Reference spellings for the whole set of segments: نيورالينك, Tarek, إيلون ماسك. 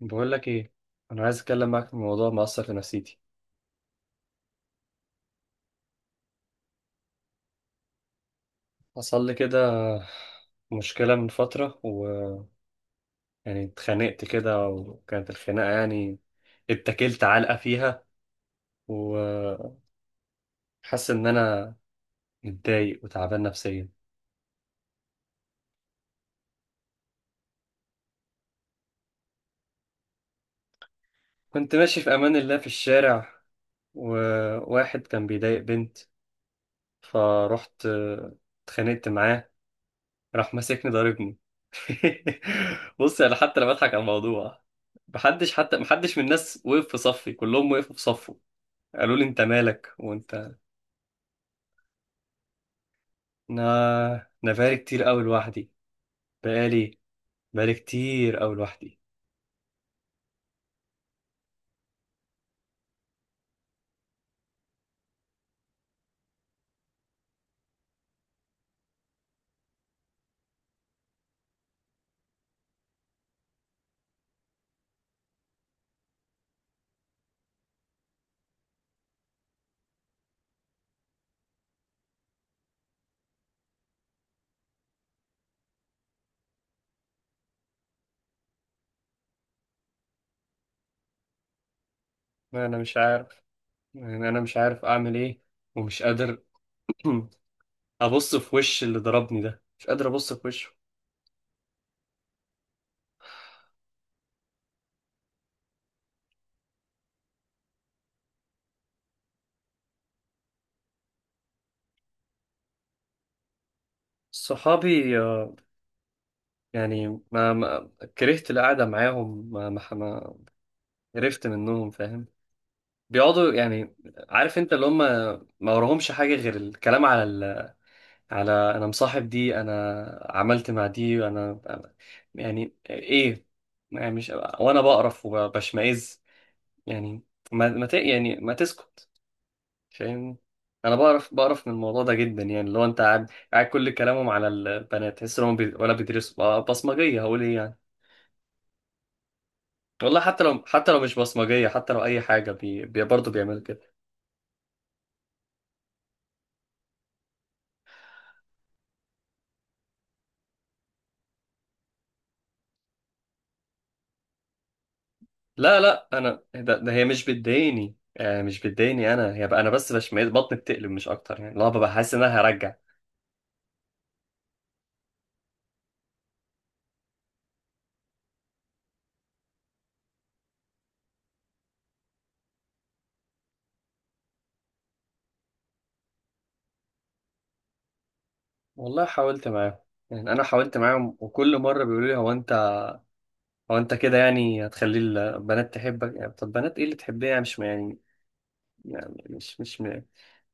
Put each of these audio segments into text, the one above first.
بقول لك ايه؟ انا عايز اتكلم معاك في موضوع مؤثر في نفسيتي. حصل لي كده مشكله من فتره، ويعني اتخانقت كده، وكانت الخناقه يعني اتكلت علقه فيها، وحاسس ان انا متضايق وتعبان نفسيا. كنت ماشي في امان الله في الشارع، وواحد كان بيضايق بنت، فروحت اتخانقت معاه، راح ماسكني ضاربني. بص انا حتى انا بضحك على الموضوع. محدش، حتى محدش من الناس وقف في صفي، كلهم وقفوا في صفه، قالوا لي انت مالك وانت... انا انا بقالي كتير قوي لوحدي، بقالي، بقالي كتير قوي لوحدي. ما انا مش عارف، يعني انا مش عارف اعمل ايه ومش قادر. ابص في وش اللي ضربني ده، مش قادر ابص في وشه. صحابي، يعني ما كرهت القعده معاهم، قرفت منهم، فاهم؟ بيقعدوا يعني، عارف انت اللي هم ما وراهمش حاجه غير الكلام على على... انا مصاحب دي، انا عملت مع دي، وانا انا يعني ايه، يعني مش... وانا بقرف وبشمئز يعني. ما ما ت... يعني ما تسكت، فاهم؟ انا بقرف بقرف من الموضوع ده جدا. يعني لو انت قاعد قاعد كل كلامهم على البنات، تحس انهم ولا بيدرسوا؟ بصمجيه، هقول ايه يعني؟ والله حتى لو مش بصمجيه، حتى لو اي حاجه، برضه بيعمل. لا لا، انا ده هي مش بتضايقني، مش بتضايقني انا، هي بقى انا بس بشمئز، بطني بتقلب مش اكتر يعني، لا ببقى حاسس ان انا هرجع. والله حاولت معاهم، يعني انا حاولت معاهم، وكل مره بيقولوا لي هو انت كده يعني هتخلي البنات تحبك؟ يعني طب بنات ايه اللي تحبيه يعني؟ مش يعني مش مش م-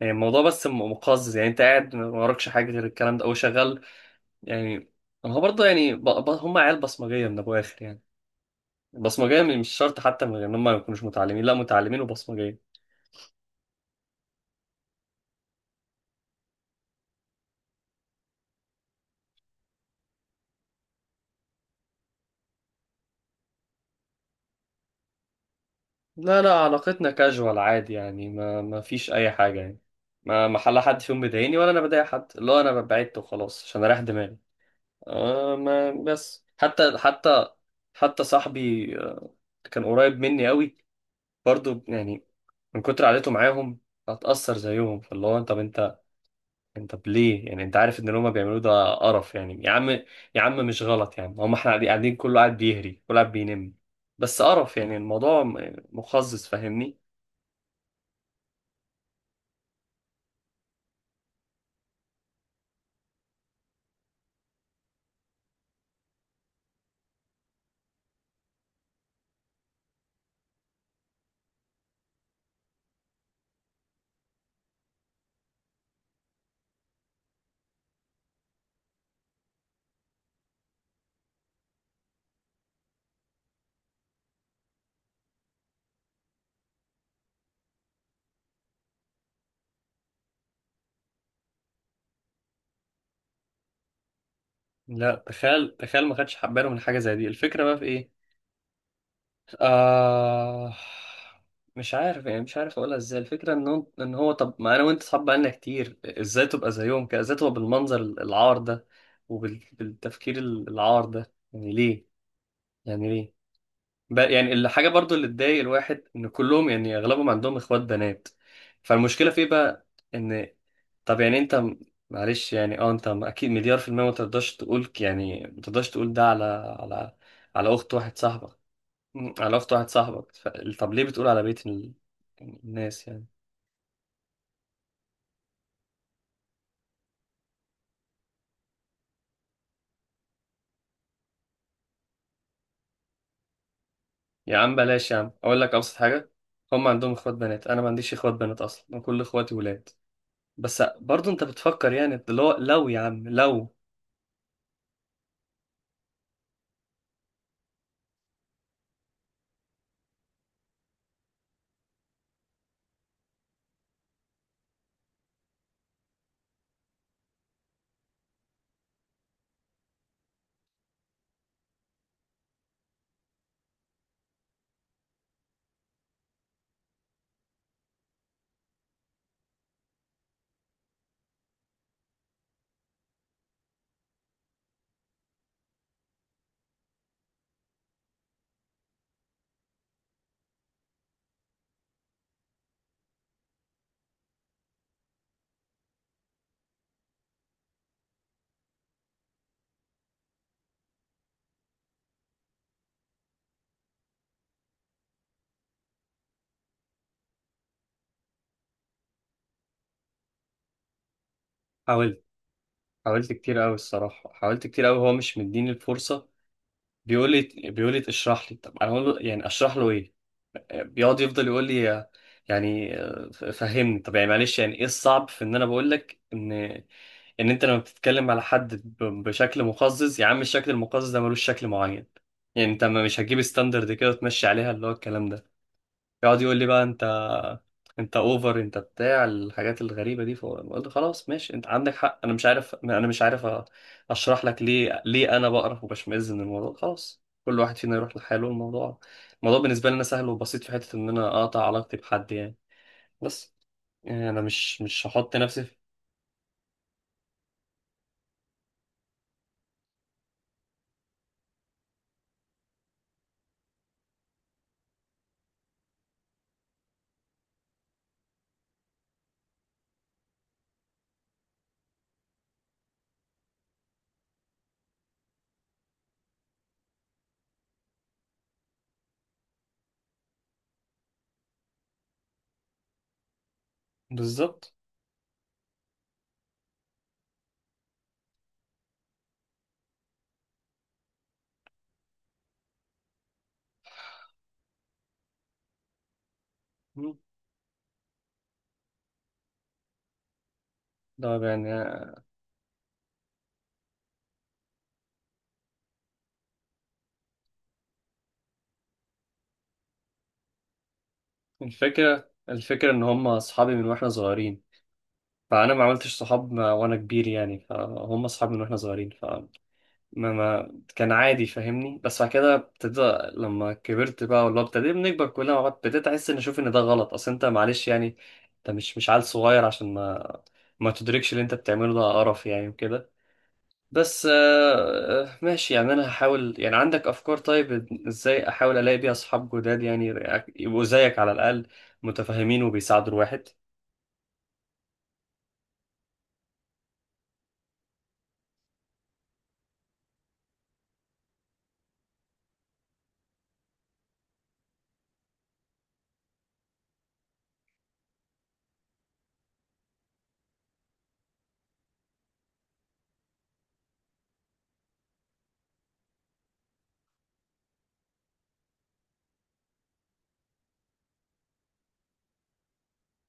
يعني الموضوع بس، مقزز يعني. انت قاعد ما وراكش حاجه غير الكلام ده او شغال يعني. هو برضه يعني، هم عيال بصمجيه من ابو اخر يعني. بصمجيه مش شرط، حتى من غير ان هم ما يكونوش متعلمين، لا متعلمين وبصمجيه. لا لا، علاقتنا كاجوال عادي يعني، ما فيش اي حاجه يعني، ما حلا حد فيهم بيضايقني ولا انا بضايق حد، اللي هو انا بعدت وخلاص عشان اريح دماغي. ما بس، حتى حتى صاحبي، كان قريب مني قوي برضو يعني، من كتر عادته معاهم هتأثر زيهم. فاللي هو طب انت طب ليه يعني؟ انت عارف ان اللي هما بيعملوه ده قرف يعني، يا عم. يا عم مش غلط يعني، هما احنا قاعدين قاعدين، كله قاعد بيهري، كله قاعد بينم. بس قرف يعني، الموضوع مقزز، فاهمني؟ لا تخيل، تخيل ما خدش باله من حاجه زي دي، الفكره بقى في ايه؟ آه مش عارف يعني، مش عارف اقولها ازاي. الفكره ان هو طب ما انا وانت اصحاب بقالنا كتير، ازاي تبقى زيهم كده؟ ازاي تبقى بالمنظر العار ده وبالتفكير العار ده؟ يعني ليه؟ يعني ليه؟ يعني الحاجه برضو اللي تضايق الواحد، ان كلهم يعني اغلبهم عندهم اخوات بنات، فالمشكله في ايه بقى؟ ان... طب يعني انت، معلش يعني. اه انت، اكيد مليار في المية، ما تقدرش تقول، يعني ما تقدرش تقول ده على، على على اخت واحد صاحبك. على اخت واحد صاحبك، طب ليه بتقول على بيت الناس يعني؟ يا عم بلاش، يا عم اقول لك ابسط حاجة. هم عندهم اخوات بنات، انا ما عنديش اخوات بنات اصلا، انا كل اخواتي ولاد. بس برضو انت بتفكر يعني، لو يا عم، لو... حاولت، حاولت كتير قوي الصراحة، حاولت كتير قوي، هو مش مديني الفرصة. بيقول لي، بيقول لي اشرح لي. طب انا اقول له يعني اشرح له ايه؟ بيقعد يفضل يقول لي يعني فهمني. طب يعني، معلش يعني، ايه الصعب في ان انا بقول لك ان انت لما بتتكلم على حد بشكل مقزز يا عم، الشكل المقزز ده ملوش شكل معين يعني. انت، ما مش هتجيب ستاندرد كده وتمشي عليها اللي هو الكلام ده. يقعد يقول لي بقى انت اوفر، انت بتاع الحاجات الغريبه دي. فقلت خلاص ماشي، انت عندك حق، انا مش عارف، اشرح لك ليه انا بقرف وبشمئز من الموضوع. خلاص، كل واحد فينا يروح لحاله. الموضوع، الموضوع بالنسبه لي انا سهل وبسيط في حته ان انا اقطع علاقتي بحد يعني. بس يعني انا مش هحط نفسي في... بالظبط. مم. ده يعني... الفكره، الفكره ان هم اصحابي من واحنا صغيرين، فانا ما عملتش صحاب، وانا كبير يعني، فهم اصحابي من واحنا صغيرين، ما كان عادي، فاهمني؟ بس بعد كده ابتدى لما كبرت بقى، والله ابتدينا بنكبر كلنا مع بعض، ابتديت احس ان اشوف ان ده غلط. اصل انت معلش يعني، انت مش عيل صغير عشان ما تدركش اللي انت بتعمله ده قرف يعني وكده. بس، ماشي يعني، انا هحاول يعني. عندك افكار؟ طيب، ازاي احاول الاقي بيها اصحاب جداد يعني؟ يبقوا زيك على الاقل، متفاهمين وبيساعدوا الواحد.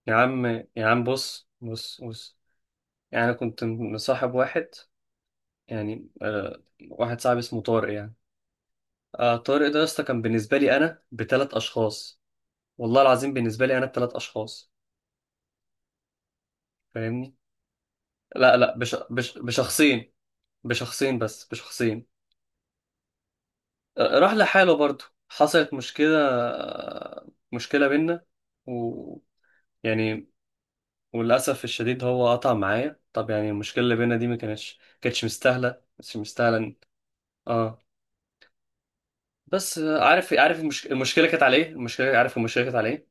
يا عم، يا عم، بص بص بص، يعني انا كنت مصاحب واحد يعني، واحد صاحبي اسمه طارق يعني. طارق ده يا اسطى كان بالنسبة لي أنا بثلاث أشخاص، والله العظيم بالنسبة لي أنا بثلاث أشخاص. فاهمني؟ لا لا، بشخصين، بشخصين بس بشخصين. راح لحاله برضه، حصلت مشكلة، مشكلة بينا و... يعني، وللأسف الشديد هو قطع معايا. طب يعني المشكلة اللي بينا دي ما كانتش مستاهلة، مش مستاهلة. اه. بس عارف، عارف المشكلة كانت على ايه؟ المشكلة، عارف المشكلة كانت على ايه؟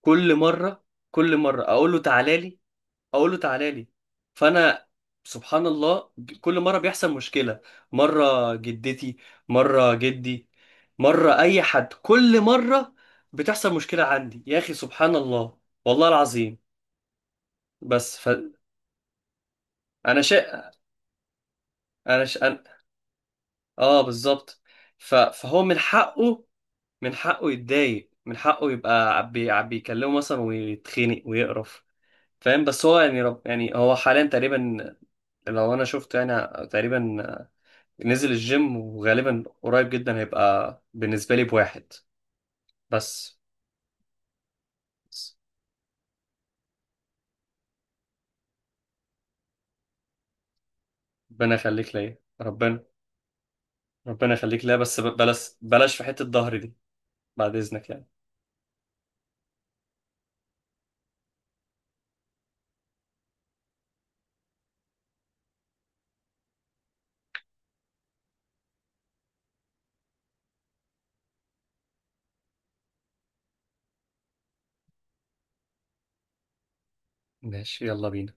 كل مرة، كل مرة أقول له تعالى لي، اقول له تعالى لي. فانا سبحان الله، كل مره بيحصل مشكله، مره جدتي، مره جدي، مره اي حد، كل مره بتحصل مشكله عندي، يا اخي سبحان الله، والله العظيم. بس ف... انا شيء، انا ش... أنا... اه بالظبط. فهو من حقه، من حقه يتضايق، من حقه يبقى بيكلمه مثلا ويتخنق ويقرف، فاهم. بس هو يعني، يعني هو حاليا تقريبا، لو انا شفته يعني تقريبا نزل الجيم، وغالبا قريب جدا هيبقى بالنسبة لي بواحد. بس، بس. ربنا يخليك ليا، ربنا يخليك ليا، بس، بلاش بلاش في حتة ظهري دي، بعد إذنك يعني. ماشي، يلا بينا.